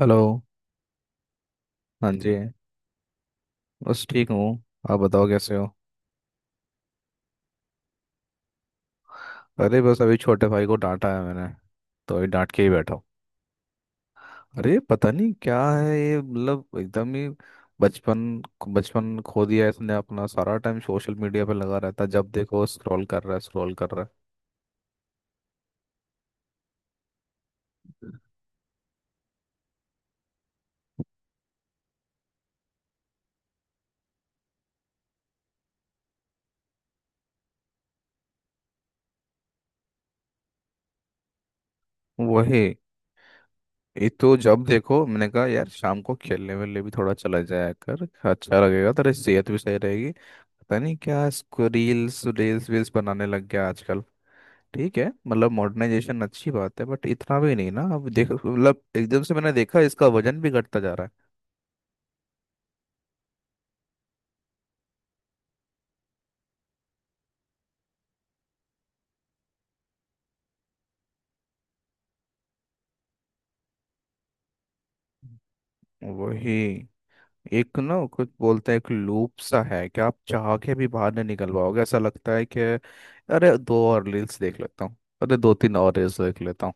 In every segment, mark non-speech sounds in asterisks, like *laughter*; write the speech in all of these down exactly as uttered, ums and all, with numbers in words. Hello. हाँ जी। बस ठीक हूँ। आप बताओ कैसे हो। अरे बस अभी छोटे भाई को डांटा है मैंने, तो अभी डांट के ही बैठा हूँ। अरे पता नहीं क्या है ये, मतलब एकदम ही बचपन बचपन खो दिया है इसने, अपना सारा टाइम सोशल मीडिया पे लगा रहता है। जब देखो स्क्रॉल कर रहा है, स्क्रॉल कर रहा है। वही। ये तो जब देखो, मैंने कहा यार शाम को खेलने वेलने भी थोड़ा चला जाया कर, अच्छा लगेगा, तेरी सेहत भी सही रहेगी। पता नहीं क्या इसको रील्स रील्स वील्स बनाने लग गया आजकल। ठीक है, मतलब मॉडर्नाइजेशन अच्छी बात है बट इतना भी नहीं ना। अब देखो, मतलब एकदम से मैंने देखा इसका वजन भी घटता जा रहा है। वही। एक, ना कुछ बोलते हैं एक लूप सा है कि आप चाह के भी बाहर नहीं निकल पाओगे, ऐसा लगता है कि अरे दो और रील्स देख लेता हूँ, अरे दो तीन और रील्स देख लेता हूँ।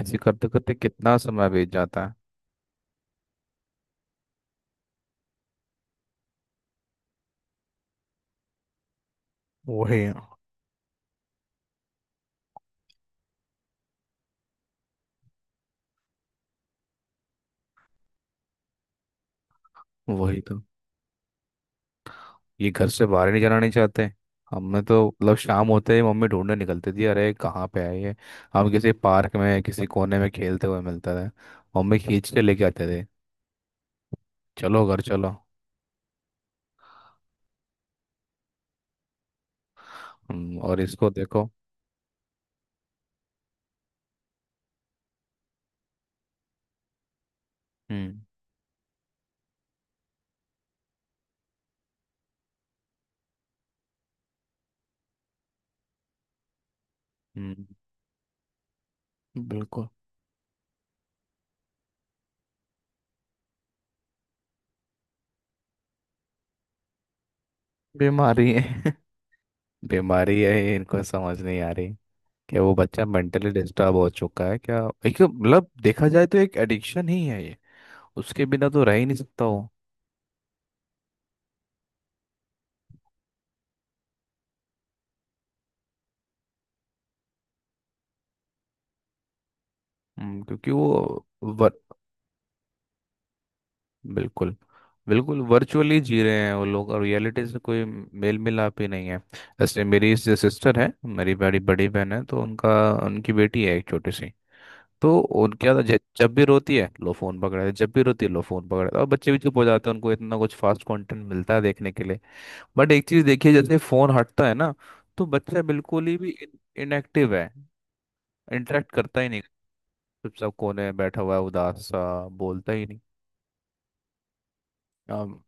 ऐसे करते करते कितना समय बीत जाता है। वही। वही तो, ये घर से बाहर ही नहीं जाना नहीं चाहते। हमने तो मतलब शाम होते ही मम्मी ढूंढने निकलती थी, अरे कहाँ पे है ये। हम किसी पार्क में किसी कोने में खेलते हुए मिलता था। मम्मी खींच के लेके आते थे, चलो घर चलो। हम्म, और इसको देखो। हम्म हम्म। बिल्कुल। बीमारी है। *laughs* बीमारी है, ये इनको समझ नहीं आ रही। क्या वो बच्चा मेंटली डिस्टर्ब हो चुका है क्या। एक, मतलब देखा जाए तो एक एडिक्शन ही है ये। उसके बिना तो रह ही नहीं सकता वो। हम्म, क्योंकि वो बिल्कुल, बिल्कुल वर्चुअली जी रहे हैं वो लोग, और रियलिटी से कोई मेल मिलाप ही नहीं है। जैसे मेरी सिस्टर है, मेरी बड़ी बड़ी बहन है, तो उनका, उनकी बेटी है एक छोटी सी। तो उनके यहाँ तो ज- जब भी रोती है लो फोन पकड़ा है, जब भी रोती है लो फोन पकड़ा है, और बच्चे भी चुप हो जाते हैं। उनको इतना कुछ फास्ट कंटेंट मिलता है देखने के लिए। बट एक चीज देखिए, जैसे फोन हटता है ना, तो बच्चा बिल्कुल ही भी इनएक्टिव है, इंटरेक्ट करता ही नहीं। चुपचाप कोने में बैठा हुआ है, उदास सा, बोलता ही नहीं। अब।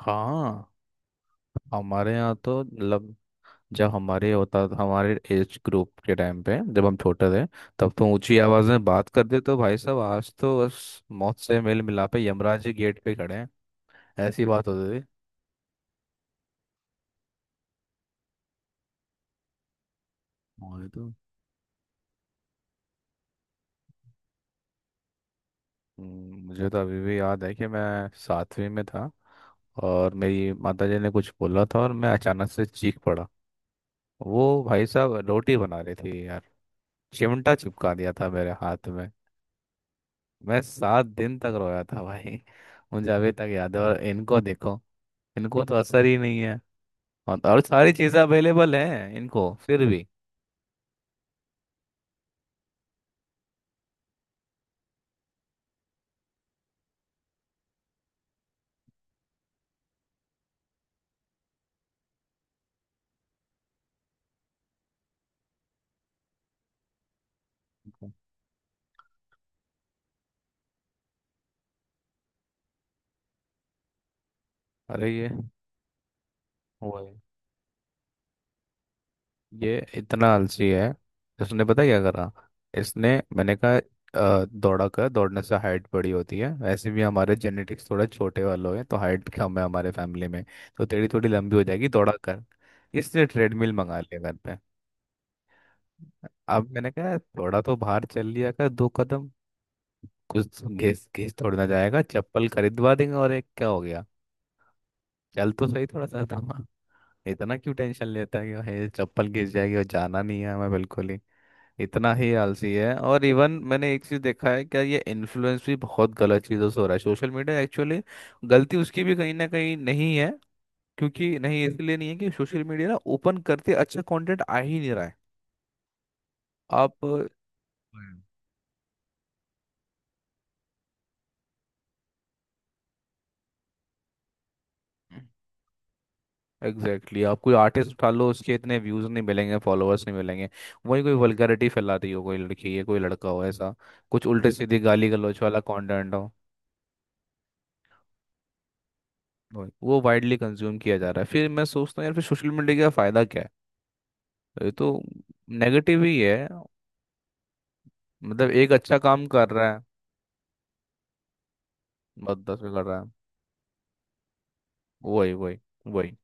हाँ। हमारे यहाँ तो मतलब जब हमारे होता, हमारे एज ग्रुप के टाइम पे जब हम छोटे थे, तब तो ऊंची आवाज में बात करते तो भाई साहब आज तो बस मौत से मेल मिलापे, यमराज जी गेट पे खड़े हैं। ऐसी बात होती थी। हाँ ये तो। हम्म, मुझे तो अभी भी याद है कि मैं सातवीं में था, और मेरी माताजी ने कुछ बोला था और मैं अचानक से चीख पड़ा। वो भाई साहब रोटी बना रही थी यार, चिमटा चिपका दिया था मेरे हाथ में। मैं सात दिन तक रोया था भाई। मुझे अभी तक याद है। और इनको देखो, इनको तो असर ही नहीं है। और और सारी चीज़ें अवेलेबल हैं इनको फिर भी। अरे ये, वो है, ये इतना आलसी है। इसने पता क्या करा। इसने, मैंने कहा अ, दौड़ा कर, दौड़ने से हाइट बड़ी होती है। वैसे भी हमारे जेनेटिक्स थोड़े छोटे वालों हैं, तो हाइट कम है हमारे फैमिली में। तो तेरी थोड़ी लंबी हो जाएगी दौड़ा कर। इसने ट्रेडमिल मंगा लिया घर पे। अब मैंने कहा थोड़ा तो बाहर चल लिया कर, दो कदम। कुछ घेस घेस थोड़ी ना जाएगा, चप्पल खरीदवा देंगे और एक, क्या हो गया। चल तो सही थोड़ा सा था। इतना क्यों टेंशन लेता है कि भाई चप्पल गिर जाएगी और जाना नहीं है हमें बिल्कुल ही। इतना ही आलसी है। और इवन मैंने एक चीज देखा है क्या, ये इन्फ्लुएंस भी बहुत गलत चीजों से हो रहा है सोशल मीडिया एक्चुअली। गलती उसकी भी कहीं ना कहीं नहीं है, क्योंकि नहीं इसलिए नहीं है कि सोशल मीडिया ना ओपन करते अच्छा कंटेंट आ ही नहीं रहा है। आप। हम्म। Exactly exactly. आप कोई आर्टिस्ट उठा लो उसके इतने व्यूज नहीं मिलेंगे, फॉलोअर्स नहीं मिलेंगे। वही कोई वल्गैरिटी फैलाती हो कोई लड़की या कोई लड़का हो, ऐसा कुछ उल्टे सीधे गाली गलौच वाला कंटेंट हो, वही- वो वाइडली कंज्यूम किया जा रहा है। फिर मैं सोचता हूँ यार फिर सोशल मीडिया का फायदा क्या है। तो ये तो नेगेटिव ही है। मतलब एक अच्छा काम कर रहा है, बस दस में कर रहा है। वही वही वही।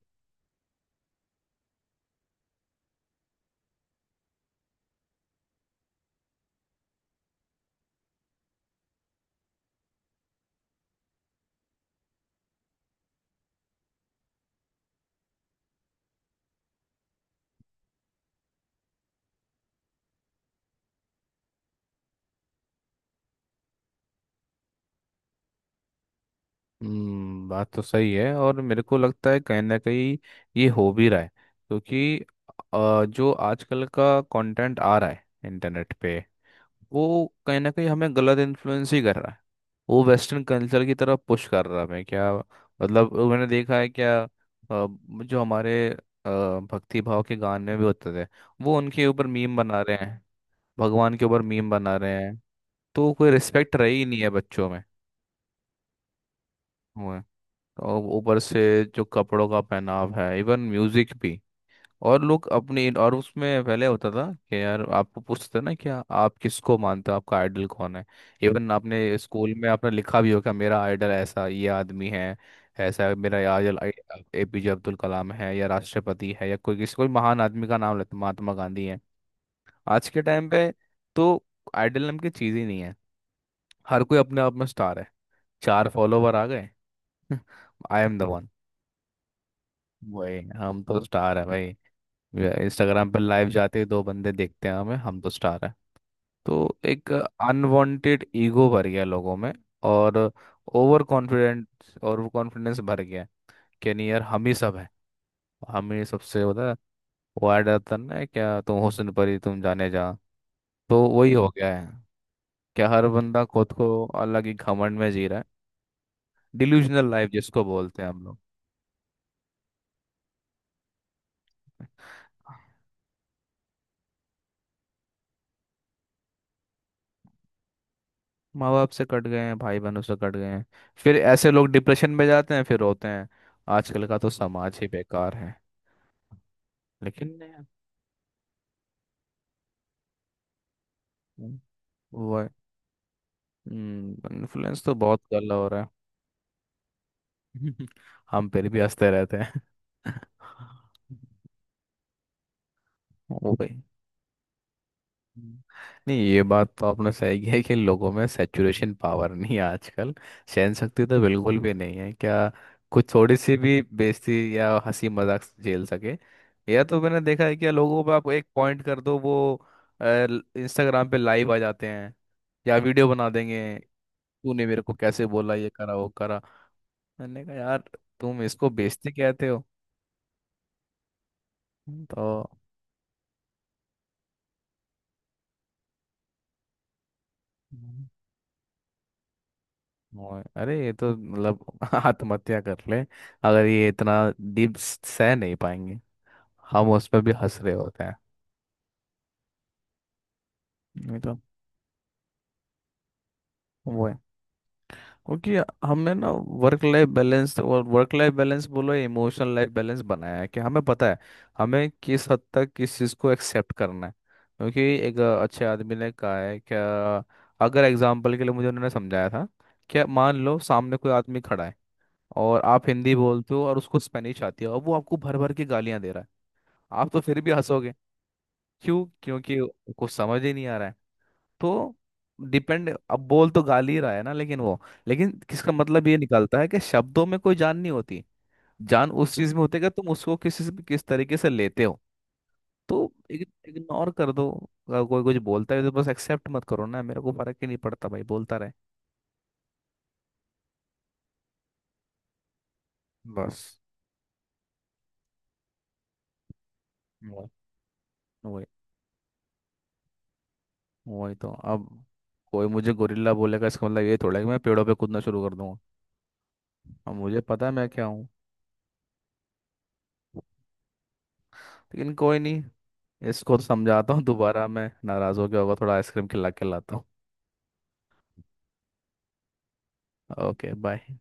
हम्म, बात तो सही है। और मेरे को लगता है कहीं ना कहीं ये हो भी रहा है, क्योंकि अ, जो आजकल का कंटेंट आ रहा है इंटरनेट पे, वो कहीं ना कहीं हमें गलत इन्फ्लुएंस ही कर रहा है। वो वेस्टर्न कल्चर की तरफ पुश कर रहा है हमें क्या, मतलब मैंने देखा है क्या, अ, जो हमारे अ, भक्ति भाव के गाने भी होते थे, वो उनके ऊपर मीम बना रहे हैं, भगवान के ऊपर मीम बना रहे हैं। तो कोई रिस्पेक्ट रही ही नहीं है बच्चों में। और ऊपर से जो कपड़ों का पहनाव है, इवन म्यूजिक भी। और लोग अपनी, और उसमें पहले होता था कि यार आपको पूछते ना क्या आप किसको मानते हो, आपका आइडल कौन है। इवन आपने स्कूल में आपने लिखा भी होगा मेरा आइडल ऐसा ये आदमी है, ऐसा है, मेरा आइडल एपीजे अब्दुल कलाम है, या राष्ट्रपति है, या कोई, किसी कोई महान आदमी का नाम लेते, महात्मा गांधी है। आज के टाइम पे तो आइडल नाम की चीज ही नहीं है। हर कोई अपने आप में स्टार है। चार फॉलोवर आ गए। *laughs* आई एम द वन। वही, हम तो स्टार है भाई। इंस्टाग्राम पर लाइव जाते ही दो बंदे देखते हैं हमें, हम तो स्टार है। तो एक अनवांटेड ईगो भर गया लोगों में, और ओवर कॉन्फिडेंस, और कॉन्फिडेंस भर गया कि नहीं यार हम ही सब हैं, हम ही सबसे होता है। वो ऐड आता है ना, क्या तुम हुस्न परी तुम जाने जा, तो वही हो गया है क्या, हर बंदा खुद को अलग ही घमंड में जी रहा है। डिल्यूजनल लाइफ जिसको बोलते हैं हम लोग। माँ बाप से कट गए हैं, भाई बहनों से कट गए हैं। फिर ऐसे लोग डिप्रेशन में जाते हैं, फिर रोते हैं आजकल का तो समाज ही बेकार है। लेकिन। हम्म, वो इन्फ्लुएंस तो बहुत गलत हो रहा है। *laughs* हम फिर भी हंसते रहते हैं। *laughs* वो भाई। हम्म। नहीं ये बात तो आपने सही की है कि लोगों में सैचुरेशन पावर नहीं है आजकल, सहन शक्ति तो बिल्कुल भी नहीं है क्या। कुछ थोड़ी सी भी बेइज्जती या हंसी मजाक झेल सके। या तो मैंने देखा है कि लोगों पे आप एक पॉइंट कर दो वो इंस्टाग्राम पे लाइव आ जाते हैं, या वीडियो बना देंगे, तूने मेरे को कैसे बोला ये करा वो करा। मैंने कहा यार तुम इसको बेइज्जती कहते हो। तो। हम्म। और- अरे ये तो मतलब *laughs* आत्महत्या कर ले अगर ये इतना डीप सह नहीं पाएंगे। हम उसमें भी हंस रहे होते हैं। नहीं तो। वो है क्योंकि हमने ना वर्क लाइफ बैलेंस, और वर्क लाइफ बैलेंस बोलो इमोशनल लाइफ बैलेंस बनाया है कि हमें पता है हमें किस हद तक किस चीज़ को एक्सेप्ट करना है। क्योंकि एक अच्छे आदमी ने कहा है कि, अगर एग्जाम्पल के लिए मुझे उन्होंने समझाया था कि मान लो सामने कोई आदमी खड़ा है, और आप हिंदी बोलते हो और उसको स्पेनिश आती है, और वो आपको भर भर के गालियां दे रहा है, आप तो फिर भी हंसोगे। क्यों, क्योंकि कुछ समझ ही नहीं आ रहा है। तो डिपेंड, अब बोल तो गाली ही रहा है ना, लेकिन वो, लेकिन किसका मतलब ये निकलता है कि शब्दों में कोई जान नहीं होती। जान उस चीज में होती है कि तुम उसको किस किस तरीके से लेते हो। तो इग्नोर कर दो, अगर कोई कुछ बोलता है तो बस एक्सेप्ट मत करो ना, मेरे को फर्क ही नहीं पड़ता भाई बोलता रहे। बस। वही वही। वही तो अब कोई मुझे गोरिल्ला बोलेगा इसका मतलब ये थोड़ा है कि मैं पेड़ों पे कूदना शुरू कर दूंगा। अब मुझे पता है मैं क्या हूँ। लेकिन कोई नहीं, इसको तो समझाता हूँ दोबारा। मैं नाराज हो गया होगा थोड़ा, आइसक्रीम खिला के लाता हूँ। Okay bye.